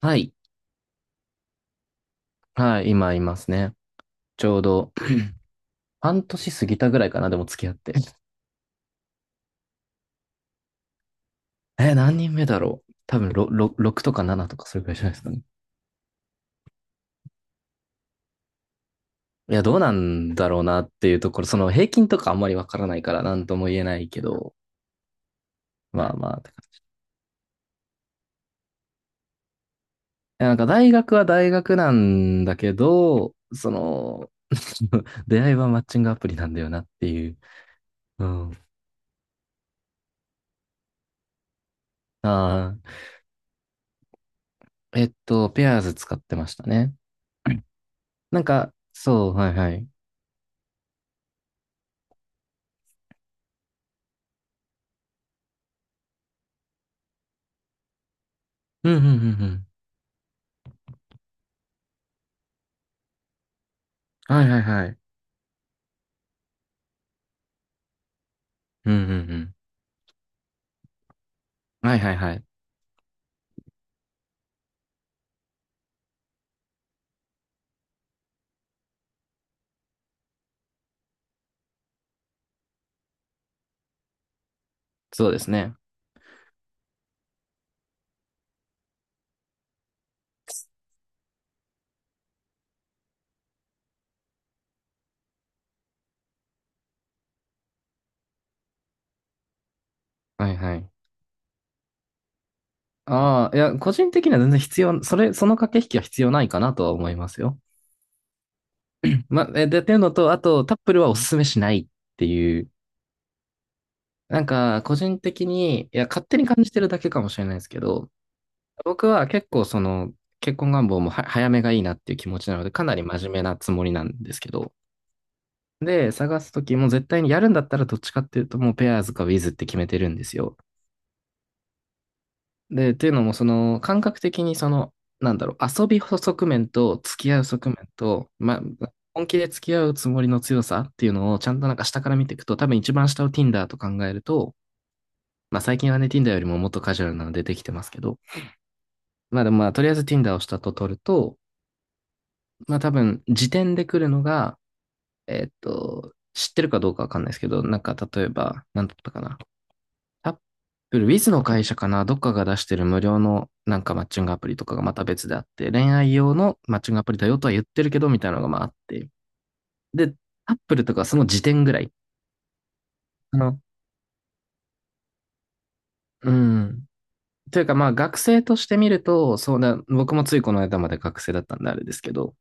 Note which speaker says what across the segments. Speaker 1: はい。はい、今いますね。ちょうど半年過ぎたぐらいかな、でも付き合って。え、何人目だろう多分6とか7とかそれぐらいじゃないですかね。いや、どうなんだろうなっていうところ、その平均とかあんまりわからないから何とも言えないけど、まあまあって感じ。いやなんか大学は大学なんだけど、その、出会いはマッチングアプリなんだよなっていう。うん。ああ、ペアーズ使ってましたね。なんか、そう、はいはい。うんうんうんうん。はいはいはい。うんうんうん。はいはいはい。そうですね。はいはい。ああ、いや、個人的には全然必要、それ、その駆け引きは必要ないかなとは思いますよ。ま、で、っていうのと、あと、タップルはおすすめしないっていう、なんか、個人的に、いや、勝手に感じてるだけかもしれないですけど、僕は結構、その、結婚願望もは早めがいいなっていう気持ちなので、かなり真面目なつもりなんですけど、で、探すときも絶対にやるんだったらどっちかっていうと、もうペアーズかウィズって決めてるんですよ。で、っていうのも、その、感覚的に、その、なんだろう、遊び側面と付き合う側面と、ま、本気で付き合うつもりの強さっていうのをちゃんとなんか下から見ていくと、多分一番下を Tinder と考えると、まあ最近はね、Tinder よりももっとカジュアルなのでできてますけど、まあでもまあとりあえず Tinder を下と取ると、まあ多分時点で来るのが、知ってるかどうかわかんないですけど、なんか例えば、なんだったかな。アップル、ウィズの会社かな、どっかが出してる無料のなんかマッチングアプリとかがまた別であって、恋愛用のマッチングアプリだよとは言ってるけど、みたいなのがまああって。で、アップルとかその時点ぐらい。あの、うん。というかまあ学生として見ると、そうだ、僕もついこの間まで学生だったんであれですけど、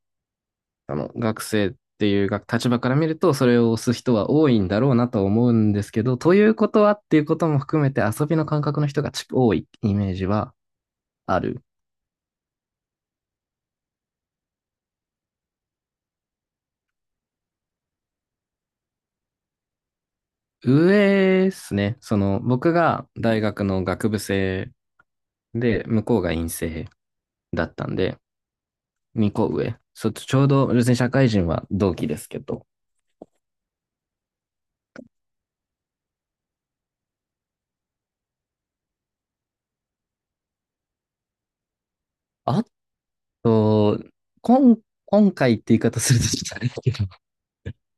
Speaker 1: 学生っていうが立場から見ると、それを押す人は多いんだろうなと思うんですけど、ということはっていうことも含めて遊びの感覚の人がち多いイメージはある。上ですね。その、僕が大学の学部生で、向こうが院生だったんで、2個上。ちょうど、別に社会人は同期ですけど。あと、今、今回って言い方するとちょっとあれだけど、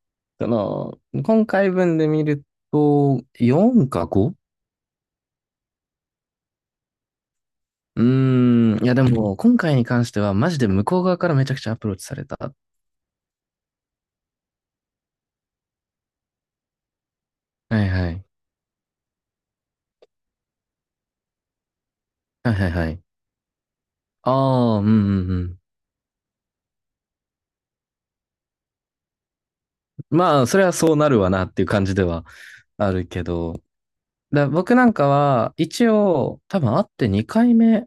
Speaker 1: その、今回分で見ると、4か 5？ うーん、いやでも、今回に関しては、マジで向こう側からめちゃくちゃアプローチされた。はいはい。はいはいはい。ああ、うんうんうん。まあ、それはそうなるわなっていう感じではあるけど、僕なんかは、一応、多分会って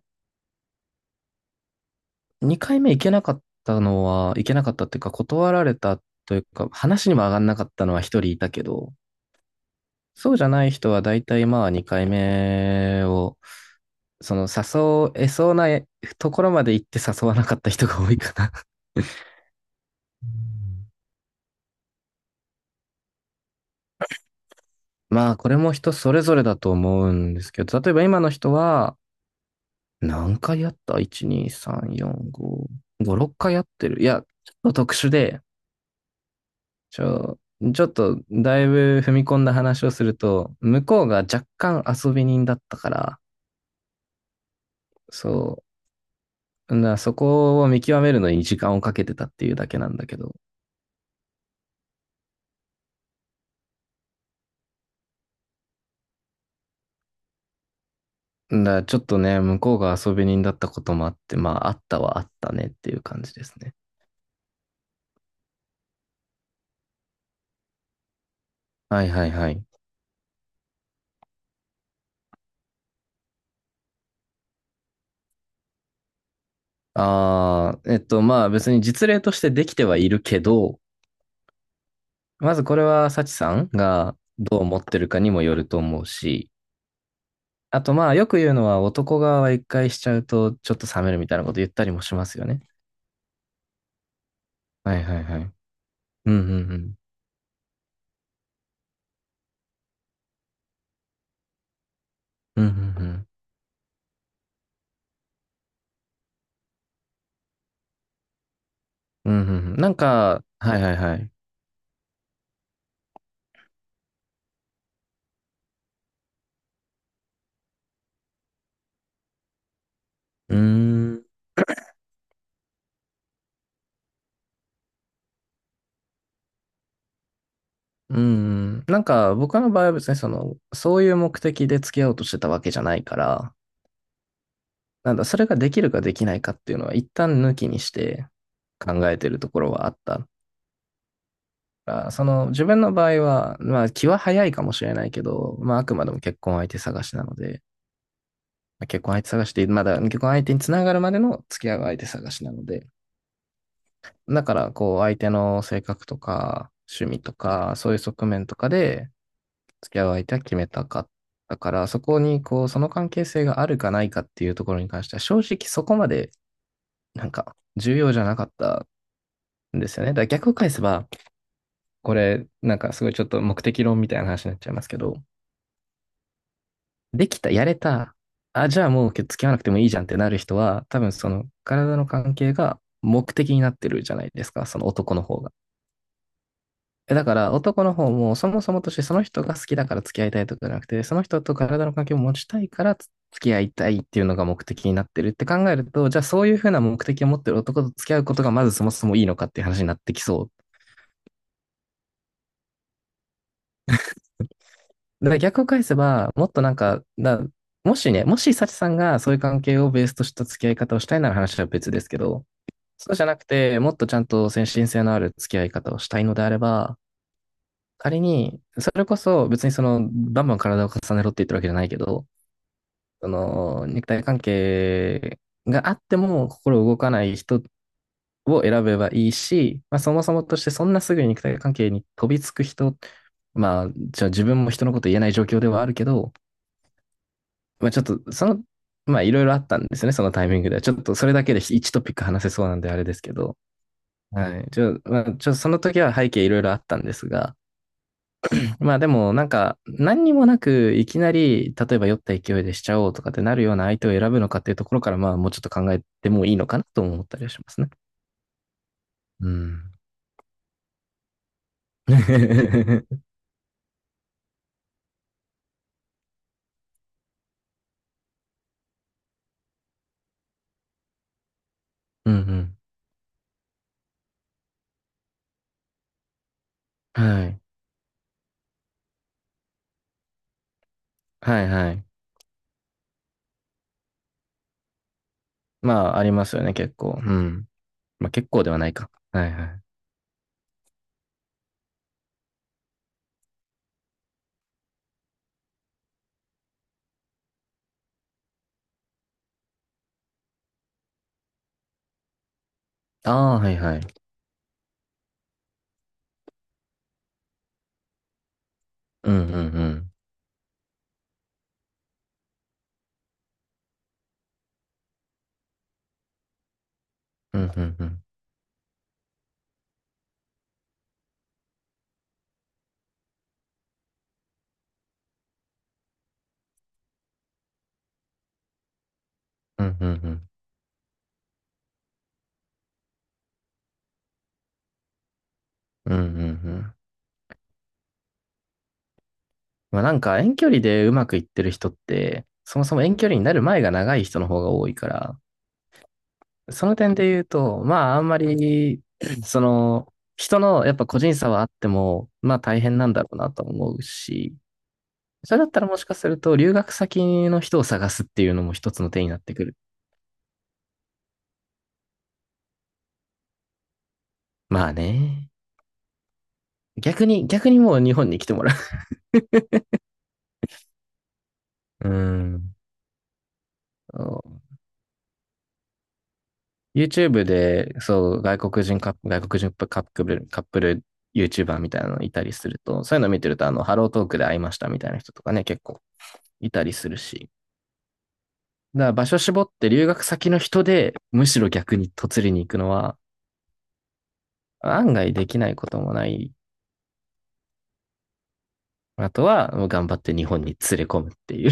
Speaker 1: 2回目行けなかったのは、行けなかったっていうか、断られたというか、話にも上がんなかったのは1人いたけど、そうじゃない人は大体まあ2回目を、その誘えそうなところまで行って誘わなかった人が多いかな。まあ、これも人それぞれだと思うんですけど、例えば今の人は、何回やった？ 1、2、3、4、5、5、6回やってる。いや、ちょっと特殊で、ちょ、ちょっとだいぶ踏み込んだ話をすると、向こうが若干遊び人だったから、そう、そこを見極めるのに時間をかけてたっていうだけなんだけど、ちょっとね、向こうが遊び人だったこともあって、まあ、あったはあったねっていう感じですね。はいはいはい。ああ、まあ別に実例としてできてはいるけど、まずこれは、サチさんがどう思ってるかにもよると思うし、あとまあ、よく言うのは男側は一回しちゃうと、ちょっと冷めるみたいなこと言ったりもしますよね。はいはいはい。うんうんうん。うんうんうん。うんうんうん。なんか、はいはいはい。うーん。うんうん。なんか、僕の場合は別にその、そういう目的で付き合おうとしてたわけじゃないから、なんだ、それができるかできないかっていうのは一旦抜きにして考えてるところはあった。その自分の場合は、まあ気は早いかもしれないけど、まああくまでも結婚相手探しなので、まあ結婚相手探しでまだ結婚相手につながるまでの付き合う相手探しなので、だからこう相手の性格とか趣味とかそういう側面とかで付き合う相手は決めたかったから、そこにこうその関係性があるかないかっていうところに関しては正直そこまでなんか重要じゃなかったんですよね。だから逆を返せば、これなんかすごいちょっと目的論みたいな話になっちゃいますけど、できた、やれた、あ、じゃあもう付き合わなくてもいいじゃんってなる人は、多分その体の関係が目的になってるじゃないですか、その男の方が。だから男の方もそもそもとしてその人が好きだから付き合いたいとかじゃなくて、その人と体の関係を持ちたいから付き合いたいっていうのが目的になってるって考えると、じゃあそういうふうな目的を持ってる男と付き合うことがまずそもそもいいのかっていう話になってきそう。だから逆を返せば、もっとなんか、もしね、もし幸さんがそういう関係をベースとした付き合い方をしたいなら話は別ですけど、そうじゃなくて、もっとちゃんと先進性のある付き合い方をしたいのであれば、仮に、それこそ別にその、バンバン体を重ねろって言ってるわけじゃないけど、その、肉体関係があっても心動かない人を選べばいいし、まあそもそもとしてそんなすぐに肉体関係に飛びつく人、まあ、じゃあ自分も人のこと言えない状況ではあるけど、まあちょっと、その、まあいろいろあったんですよね、そのタイミングでは。ちょっとそれだけで1トピック話せそうなんであれですけど、はい。まあ、その時は背景いろいろあったんですが、まあでもなんか何にもなくいきなり、例えば酔った勢いでしちゃおうとかってなるような相手を選ぶのかっていうところから、まあもうちょっと考えてもいいのかなとも思ったりはしますね。うん。うんうん。はい。はいはい。まあありますよね、結構。うん。まあ結構ではないか。はいはい。ああ、はいはい。うんうんうん。うんうんうん。うんうんうん。うんうんうん。まあなんか遠距離でうまくいってる人って、そもそも遠距離になる前が長い人の方が多いから、その点で言うと、まああんまり、その、人のやっぱ個人差はあっても、まあ大変なんだろうなと思うし、それだったらもしかすると留学先の人を探すっていうのも一つの手になってくる。まあね。逆にもう日本に来てもらう。うん。YouTube で、そう、外国人カップル、カップル YouTuber みたいなのいたりすると、そういうの見てると、ハロートークで会いましたみたいな人とかね、結構いたりするし。だから場所絞って留学先の人で、むしろ逆に嫁りに行くのは、案外できないこともない。あとは、もう頑張って日本に連れ込むっていう